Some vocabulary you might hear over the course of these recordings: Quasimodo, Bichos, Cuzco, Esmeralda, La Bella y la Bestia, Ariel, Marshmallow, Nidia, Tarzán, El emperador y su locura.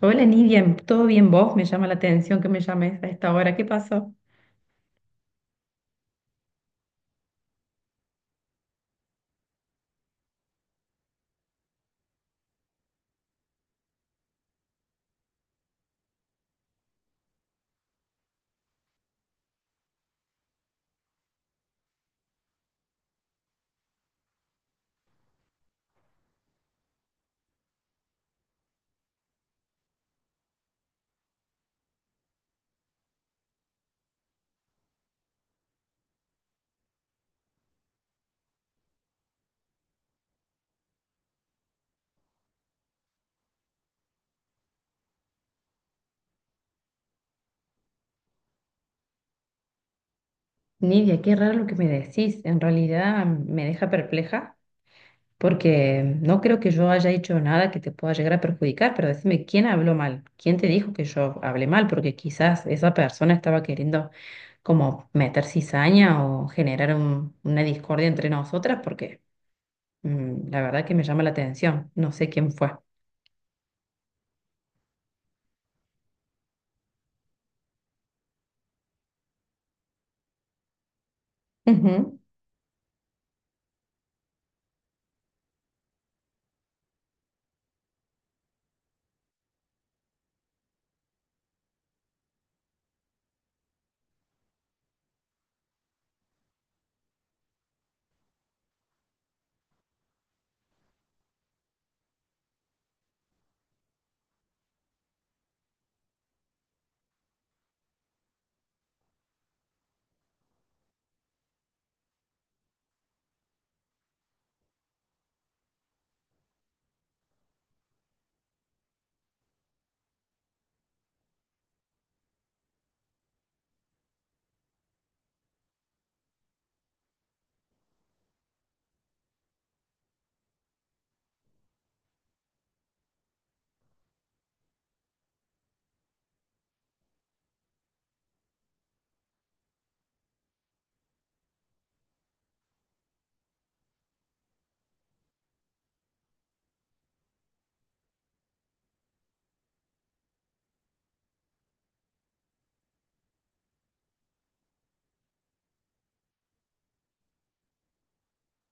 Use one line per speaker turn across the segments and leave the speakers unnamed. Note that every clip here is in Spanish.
Hola Nidia, ¿todo bien vos? Me llama la atención que me llames a esta hora. ¿Qué pasó? Nidia, qué raro lo que me decís. En realidad me deja perpleja porque no creo que yo haya hecho nada que te pueda llegar a perjudicar, pero decime, ¿quién habló mal? ¿Quién te dijo que yo hablé mal? Porque quizás esa persona estaba queriendo como meter cizaña o generar una discordia entre nosotras porque la verdad que me llama la atención. No sé quién fue. Ujú.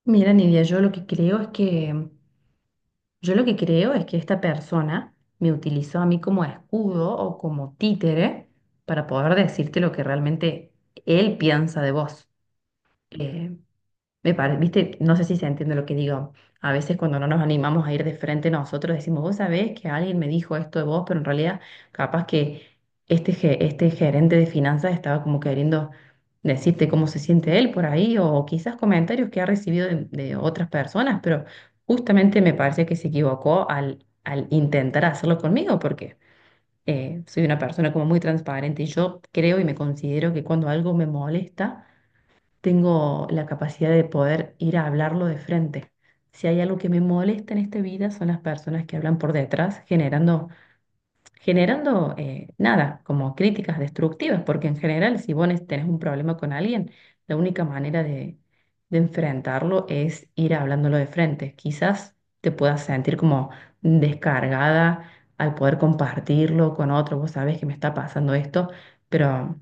Mira, Nidia, Yo lo que creo es que esta persona me utilizó a mí como escudo o como títere para poder decirte lo que realmente él piensa de vos. Eh, viste, no sé si se entiende lo que digo. A veces cuando no nos animamos a ir de frente nosotros decimos, vos sabés que alguien me dijo esto de vos, pero en realidad capaz que este gerente de finanzas estaba como queriendo decirte cómo se siente él por ahí o quizás comentarios que ha recibido de otras personas, pero justamente me parece que se equivocó al intentar hacerlo conmigo porque soy una persona como muy transparente y yo creo y me considero que cuando algo me molesta tengo la capacidad de poder ir a hablarlo de frente. Si hay algo que me molesta en esta vida son las personas que hablan por detrás, generando nada, como críticas destructivas, porque en general si tenés un problema con alguien, la única manera de enfrentarlo es ir hablándolo de frente. Quizás te puedas sentir como descargada al poder compartirlo con otro, vos sabés que me está pasando esto, pero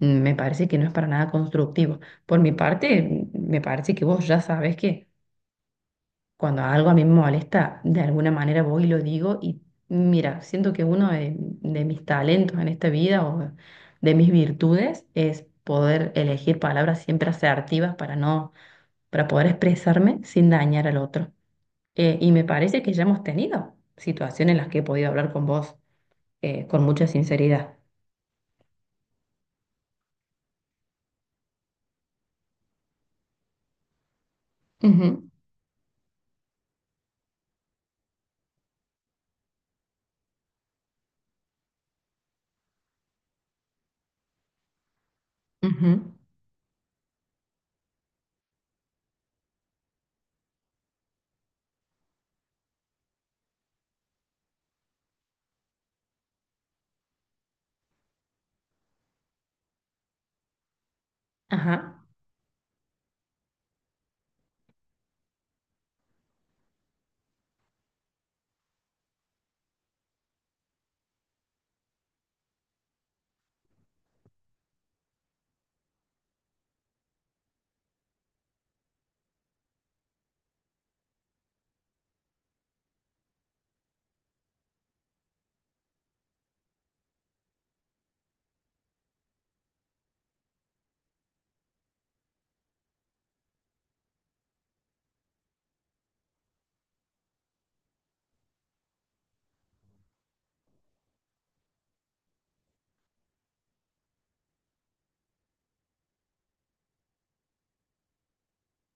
me parece que no es para nada constructivo. Por mi parte, me parece que vos ya sabes que cuando algo a mí me molesta, de alguna manera voy y lo digo y mira, siento que uno de mis talentos en esta vida o de mis virtudes es poder elegir palabras siempre asertivas para poder expresarme sin dañar al otro. Y me parece que ya hemos tenido situaciones en las que he podido hablar con vos con mucha sinceridad. Ujú, ujú. Ajá.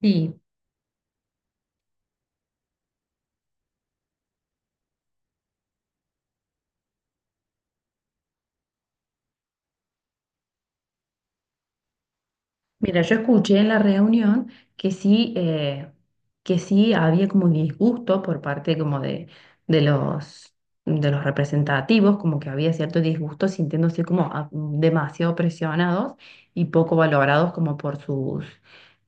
Sí, mira, yo escuché en la reunión que sí había como un disgusto por parte como de los, de los representativos, como que había cierto disgusto sintiéndose como demasiado presionados y poco valorados como por sus,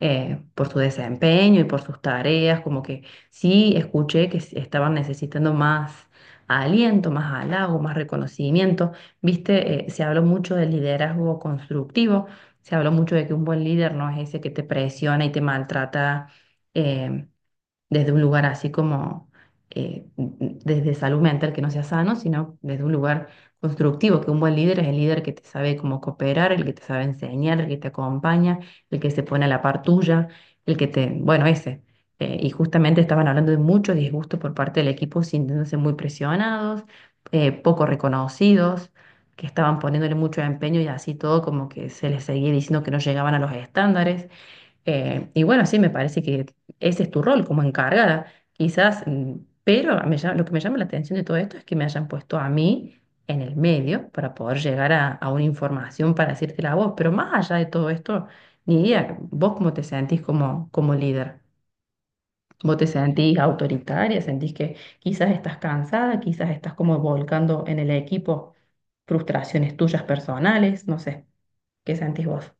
por su desempeño y por sus tareas, como que sí escuché que estaban necesitando más aliento, más halago, más reconocimiento. Viste, se habló mucho del liderazgo constructivo. Se habló mucho de que un buen líder no es ese que te presiona y te maltrata, eh, desde un lugar así como, desde salud mental que no sea sano, sino desde un lugar constructivo, que un buen líder es el líder que te sabe cómo cooperar, el que te sabe enseñar, el que te acompaña, el que se pone a la par tuya, el que te, bueno, ese. Y justamente estaban hablando de mucho disgusto por parte del equipo, sintiéndose muy presionados, poco reconocidos, que estaban poniéndole mucho empeño y así todo como que se les seguía diciendo que no llegaban a los estándares. Y bueno, sí, me parece que ese es tu rol como encargada, quizás, pero lo que me llama la atención de todo esto es que me hayan puesto a mí en el medio para poder llegar a una información para decírtela a vos, pero más allá de todo esto, ni idea, vos cómo te sentís como, como líder, vos te sentís autoritaria, sentís que quizás estás cansada, quizás estás como volcando en el equipo frustraciones tuyas personales, no sé, ¿qué sentís vos?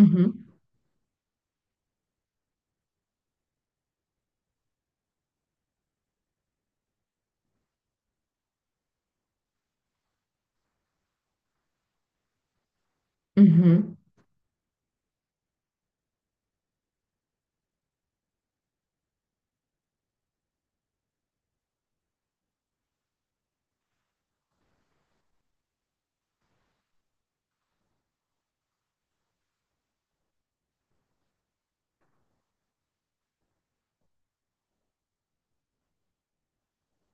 Ujú, ujú.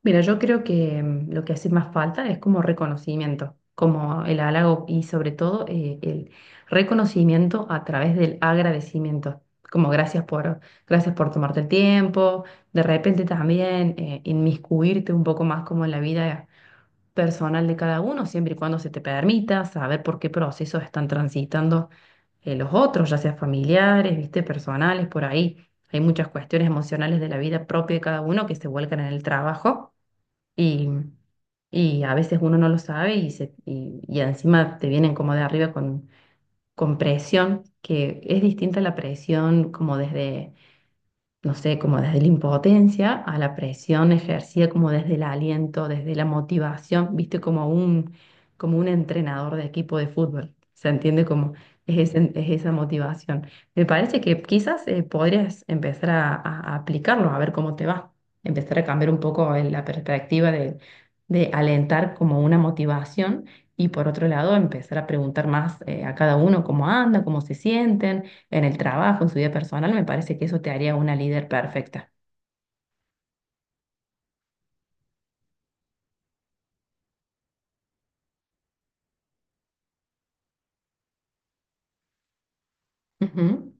Mira, yo creo que lo que hace más falta es como reconocimiento, como el halago y sobre todo el reconocimiento a través del agradecimiento, como gracias por, gracias por tomarte el tiempo, de repente también inmiscuirte un poco más como en la vida personal de cada uno, siempre y cuando se te permita saber por qué procesos están transitando los otros, ya sea familiares, viste, personales, por ahí. Hay muchas cuestiones emocionales de la vida propia de cada uno que se vuelcan en el trabajo y, y a veces uno no lo sabe y, se, y encima te vienen como de arriba con presión, que es distinta la presión como desde no sé, como desde la impotencia a la presión ejercida como desde el aliento, desde la motivación, viste, como un entrenador de equipo de fútbol. Se entiende como es, es esa motivación. Me parece que quizás podrías empezar a, a aplicarlo, a ver cómo te va. Empezar a cambiar un poco la perspectiva de alentar como una motivación y por otro lado empezar a preguntar más a cada uno cómo anda, cómo se sienten en el trabajo, en su vida personal, me parece que eso te haría una líder perfecta. Ujú,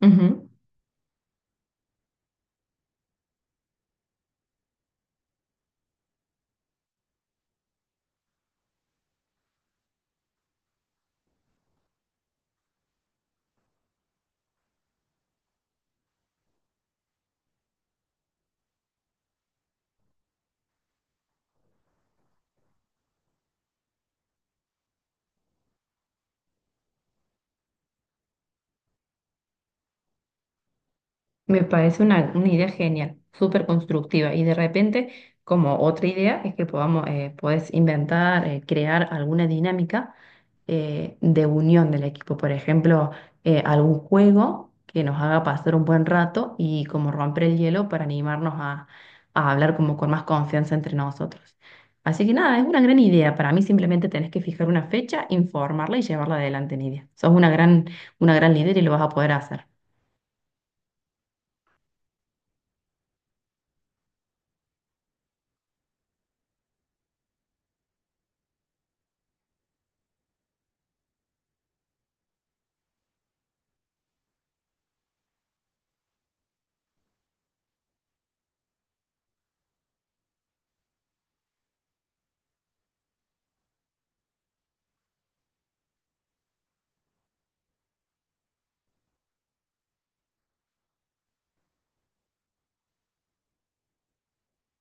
ujú. Me parece una idea genial, súper constructiva. Y de repente, como otra idea, es que podamos, puedes inventar, crear alguna dinámica de unión del equipo. Por ejemplo, algún juego que nos haga pasar un buen rato y como romper el hielo para animarnos a hablar como con más confianza entre nosotros. Así que nada, es una gran idea. Para mí simplemente tenés que fijar una fecha, informarla y llevarla adelante, Nidia. Sos una gran líder y lo vas a poder hacer.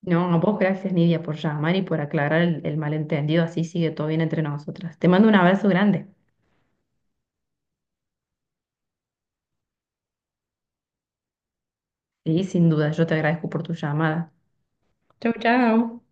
No, a vos gracias, Nidia, por llamar y por aclarar el malentendido. Así sigue todo bien entre nosotras. Te mando un abrazo grande. Y sin duda, yo te agradezco por tu llamada. Chau, chau.